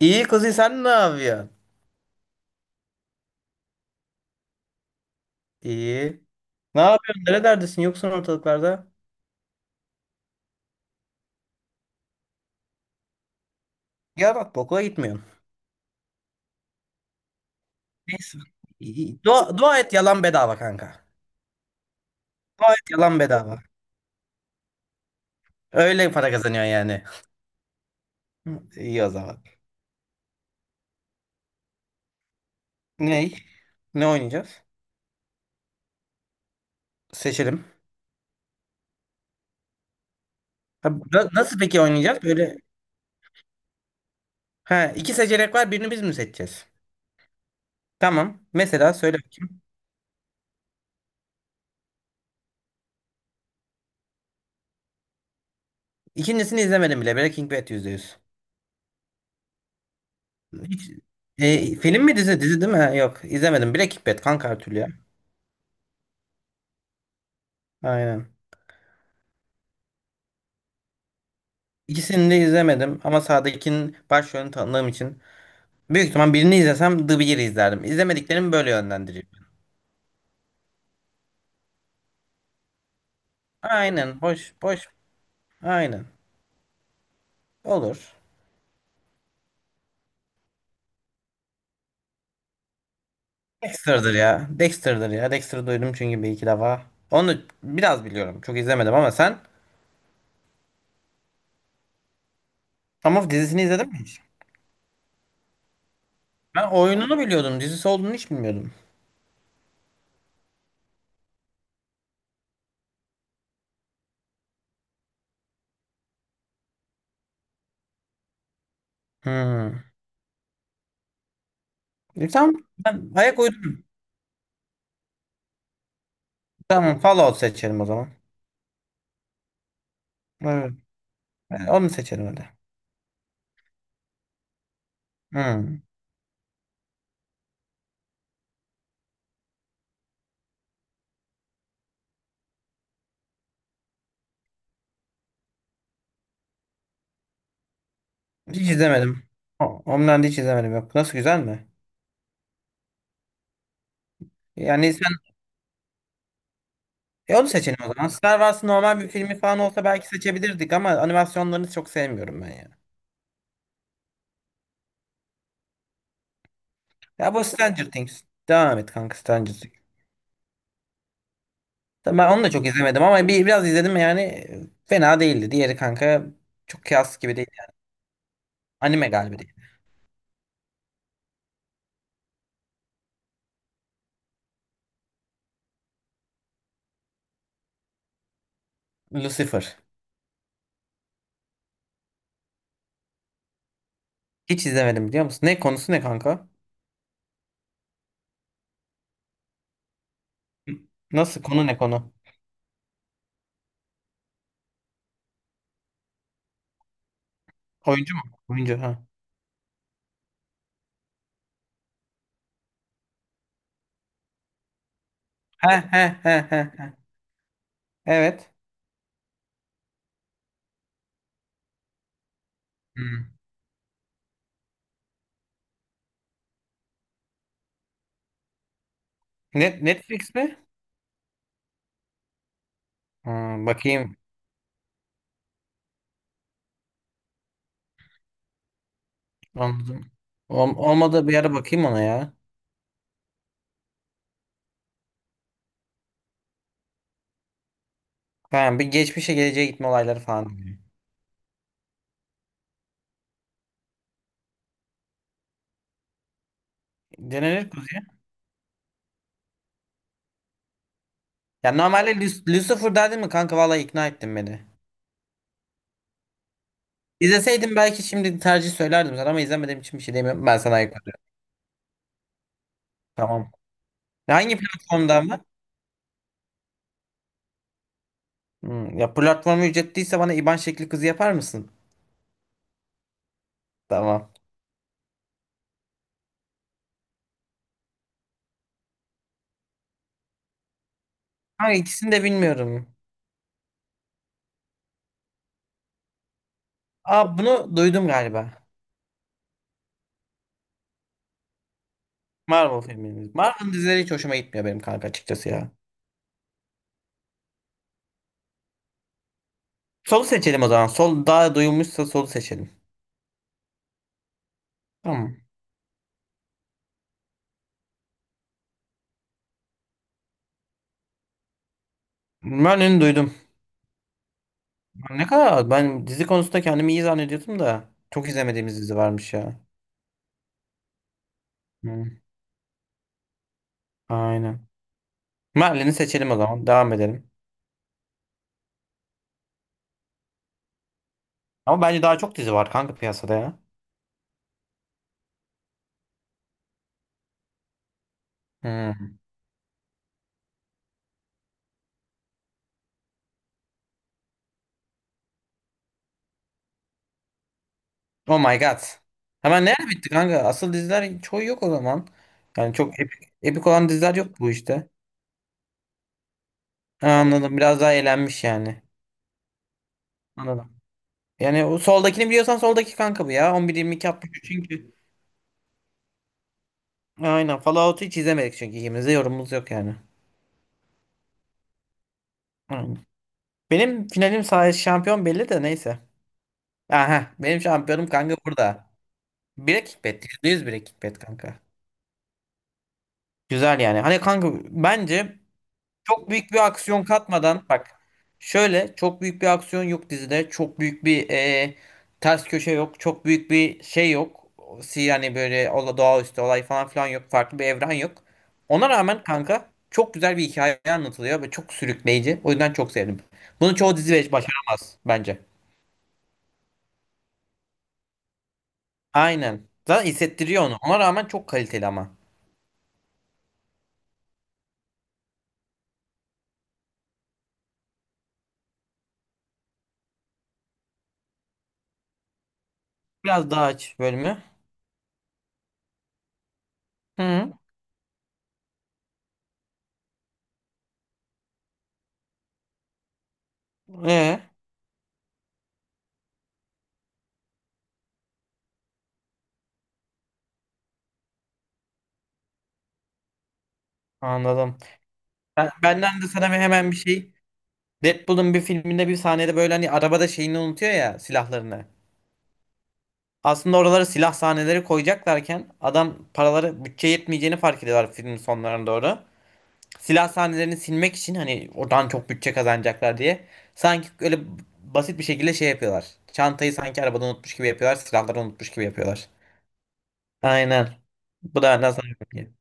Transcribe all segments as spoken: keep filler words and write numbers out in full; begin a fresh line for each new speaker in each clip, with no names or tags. İyi kızı, sen ne yapıyorsun? İyi. Ne yapıyorsun? Nerelerdesin? Yoksun ortalıklarda. Ya bak, okula gitmiyorsun. Neyse. İyi. Dua, dua et, yalan bedava kanka. Dua et, yalan bedava. Öyle para kazanıyorsun yani. İyi o zaman. Ney? Ne oynayacağız? Seçelim. Ha, na- nasıl peki oynayacağız? Böyle ha, iki seçenek var. Birini biz mi seçeceğiz? Tamam. Mesela söyle bakayım. İkincisini izlemedim bile. Breaking Bad yüzde yüz. Hiç, e, film mi, dizi? Dizi değil mi? Ha, yok, izlemedim. Breaking Bad kanka, her türlü ya. Aynen. İkisini de izlemedim ama sağdakinin başrolünü tanıdığım için büyük ihtimal birini izlesem The Bear'ı izlerdim. İzlemediklerim böyle yönlendiriyor. Aynen, hoş hoş, aynen, olur. Dexter'dır ya Dexter'dır ya Dexter'ı duydum çünkü bir iki defa. Onu biraz biliyorum, çok izlemedim ama sen, ama dizisini izledin mi? Ben oyununu biliyordum, dizisi olduğunu hiç bilmiyordum. Hmm. E tamam, ben ayak uydurdum. Tamam, Fallout seçelim o zaman. Evet. E, onu seçelim hadi. Hmm. Hiç izlemedim. O- Homeland'i hiç izlemedim, yok. Nasıl, güzel mi? Yani sen, e onu seçelim o zaman. Star Wars normal bir filmi falan olsa belki seçebilirdik ama animasyonlarını çok sevmiyorum ben ya. Ya bu Stranger Things. Devam et kanka, Stranger Things. Tabii. Ben onu da çok izlemedim ama bir, biraz izledim yani, e, fena değildi. Diğeri kanka çok kıyas gibi değil. Anime galiba değil. Lucifer. Hiç izlemedim, biliyor musun? Ne konusu, ne kanka? Nasıl, konu ne, konu? Oyuncu mu? Oyuncu ha. He he he he. He. Evet. Hmm. Net Netflix mi? Hmm, bakayım. Anladım. Olm- olmadı, bir ara bakayım ona ya. Tamam, bir geçmişe geleceğe gitme olayları falan. Denenir Kuzi. Ya normalde Lu- Lucifer derdin mi kanka, vallahi ikna ettin beni. İzleseydim belki şimdi tercih söylerdim sana ama izlemediğim için bir şey demiyorum. Ben sana ayıp ediyorum. Tamam. Ya, hangi platformda ama? Hmm, ya platformu ücretliyse bana I B A N şekli kızı yapar mısın? Tamam. Kanka ikisini de bilmiyorum. Aa bunu duydum galiba. Marvel filmimiz. Marvel dizileri hiç hoşuma gitmiyor benim kanka, açıkçası ya. Solu seçelim o zaman. Sol daha duyulmuşsa solu seçelim. Tamam. Ben onu duydum. Ne kadar ben dizi konusunda kendimi iyi zannediyordum da çok izlemediğimiz dizi varmış ya. Hı, aynen. Merlin'i seçelim o zaman. Devam edelim. Ama bence daha çok dizi var kanka piyasada ya. Hı. Oh my god. Hemen nerede bitti kanka? Asıl diziler çoğu yok o zaman. Yani çok epik, epik olan diziler yok bu işte. Ha, anladım. Biraz daha eğlenmiş yani. Anladım. Yani o soldakini biliyorsan, soldaki kanka bu ya. on bir yirmi iki çünkü. Aynen. Fallout'u hiç izlemedik çünkü ikimiz de yorumumuz yok yani. Aynen. Benim finalim sayesinde şampiyon belli de neyse. Aha, benim şampiyonum kanka burada. Bire kickbet. yüzde yüz bire kickbet kanka. Güzel yani. Hani kanka bence çok büyük bir aksiyon katmadan, bak, şöyle çok büyük bir aksiyon yok dizide. Çok büyük bir e, ters köşe yok. Çok büyük bir şey yok. Si- Yani böyle ola- doğaüstü olay falan filan yok. Farklı bir evren yok. Ona rağmen kanka çok güzel bir hikaye anlatılıyor ve çok sürükleyici. O yüzden çok sevdim. Bunu çoğu dizi beş- başaramaz bence. Aynen. Zaten hissettiriyor onu. Ona rağmen çok kaliteli ama. Biraz daha aç bölümü. Hı. Ee, anladım. Ben, benden de sana hemen bir şey. Deadpool'un bir filminde bir sahnede böyle hani arabada şeyini unutuyor ya, silahlarını. Aslında oralara silah sahneleri koyacaklarken adam paraları, bütçe yetmeyeceğini fark ediyorlar filmin sonlarına doğru. Silah sahnelerini silmek için, hani oradan çok bütçe kazanacaklar diye. Sanki öyle basit bir şekilde şey yapıyorlar. Çantayı sanki arabada unutmuş gibi yapıyorlar. Silahları unutmuş gibi yapıyorlar. Aynen. Bu da nasıl ki?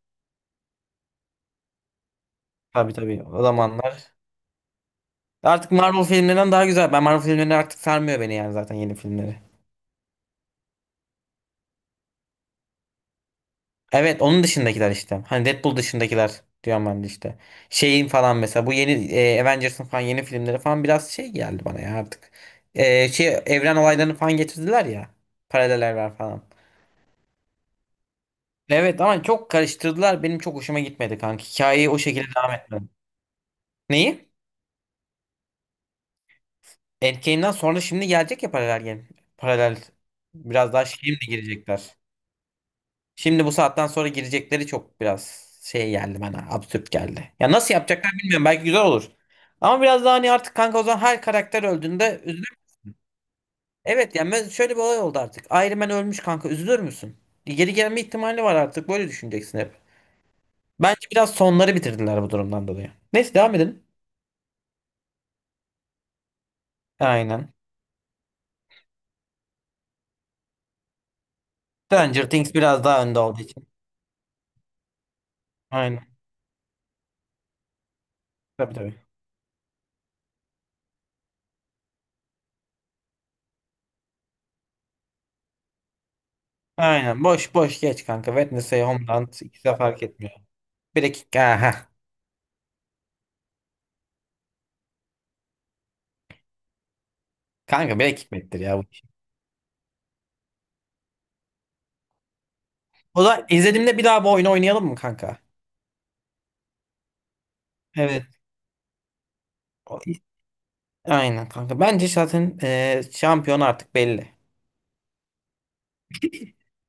Tabii tabii, o zamanlar. Artık Marvel filmlerinden daha güzel. Ben Marvel filmleri artık sarmıyor beni yani, zaten yeni filmleri. Evet, onun dışındakiler işte. Hani Deadpool dışındakiler diyorum ben de işte. Şeyin falan mesela bu yeni e, Avengers'ın falan yeni filmleri falan biraz şey geldi bana ya artık. E, şey, evren olaylarını falan getirdiler ya. Paralel evren falan. Evet ama çok karıştırdılar. Benim çok hoşuma gitmedi kanka. Hikayeyi o şekilde devam etmedi. Neyi? Endgame'den sonra şimdi gelecek ya paralel game. Paralel, biraz daha şimdi girecekler. Şimdi bu saatten sonra girecekleri çok biraz şey geldi bana. Absürt geldi. Ya nasıl yapacaklar bilmiyorum. Belki güzel olur. Ama biraz daha hani artık kanka, o zaman her karakter öldüğünde üzülür. Evet yani ben- şöyle bir olay oldu artık. Iron Man ölmüş kanka, üzülür müsün? Geri gelme ihtimali var artık. Böyle düşüneceksin hep. Bence biraz sonları bitirdiler bu durumdan dolayı. Neyse, devam edelim. Aynen. Stranger Things biraz daha önde olduğu için. Aynen. Tabii tabii. Aynen. Boş boş geç kanka. Wednesday, Homeland, ikisi de fark etmiyor. Bir dakika. Aha. Kanka bir hikmettir ya bu iş. O da izlediğimde bir daha bu oyunu oynayalım mı kanka? Evet. O- Aynen kanka. Bence zaten e, şampiyon artık belli.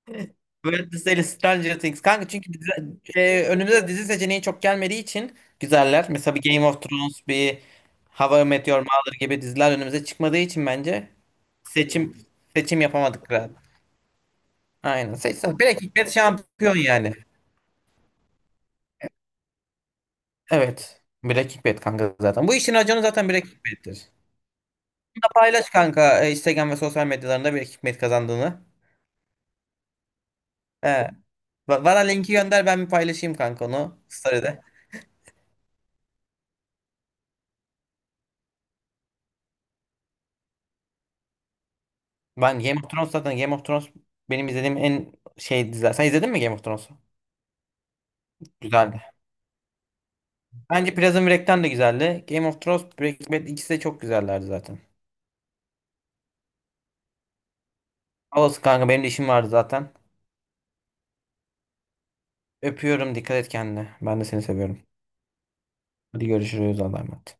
Evet. Wednesday, Stranger Things. Kanka çünkü dizi, e, önümüze dizi seçeneği çok gelmediği için güzeller. Mesela bir Game of Thrones, bir How I Met Your Mother gibi diziler önümüze çıkmadığı için bence seçim seçim yapamadık galiba. Aynen. Seçsen. Bir hikmet şampiyon yani. Evet. Breaking Bad kanka zaten. Bu işin raconu zaten Breaking Bad'tir. Bunu da paylaş kanka, e, Instagram ve sosyal medyalarında Breaking Bad kazandığını. He. Va- Bana linki gönder, ben bir paylaşayım kanka onu. Story'de. Ben Game of Thrones, zaten Game of Thrones benim izlediğim en şey diziler. Sen izledin mi Game of Thrones'u? Güzeldi. Bence Prison Break'ten de güzeldi. Game of Thrones, Breaking Bad, ikisi de çok güzellerdi zaten. Olsun kanka, benim de işim vardı zaten. Öpüyorum, dikkat et kendine. Ben de seni seviyorum. Hadi görüşürüz, Allah'a emanet.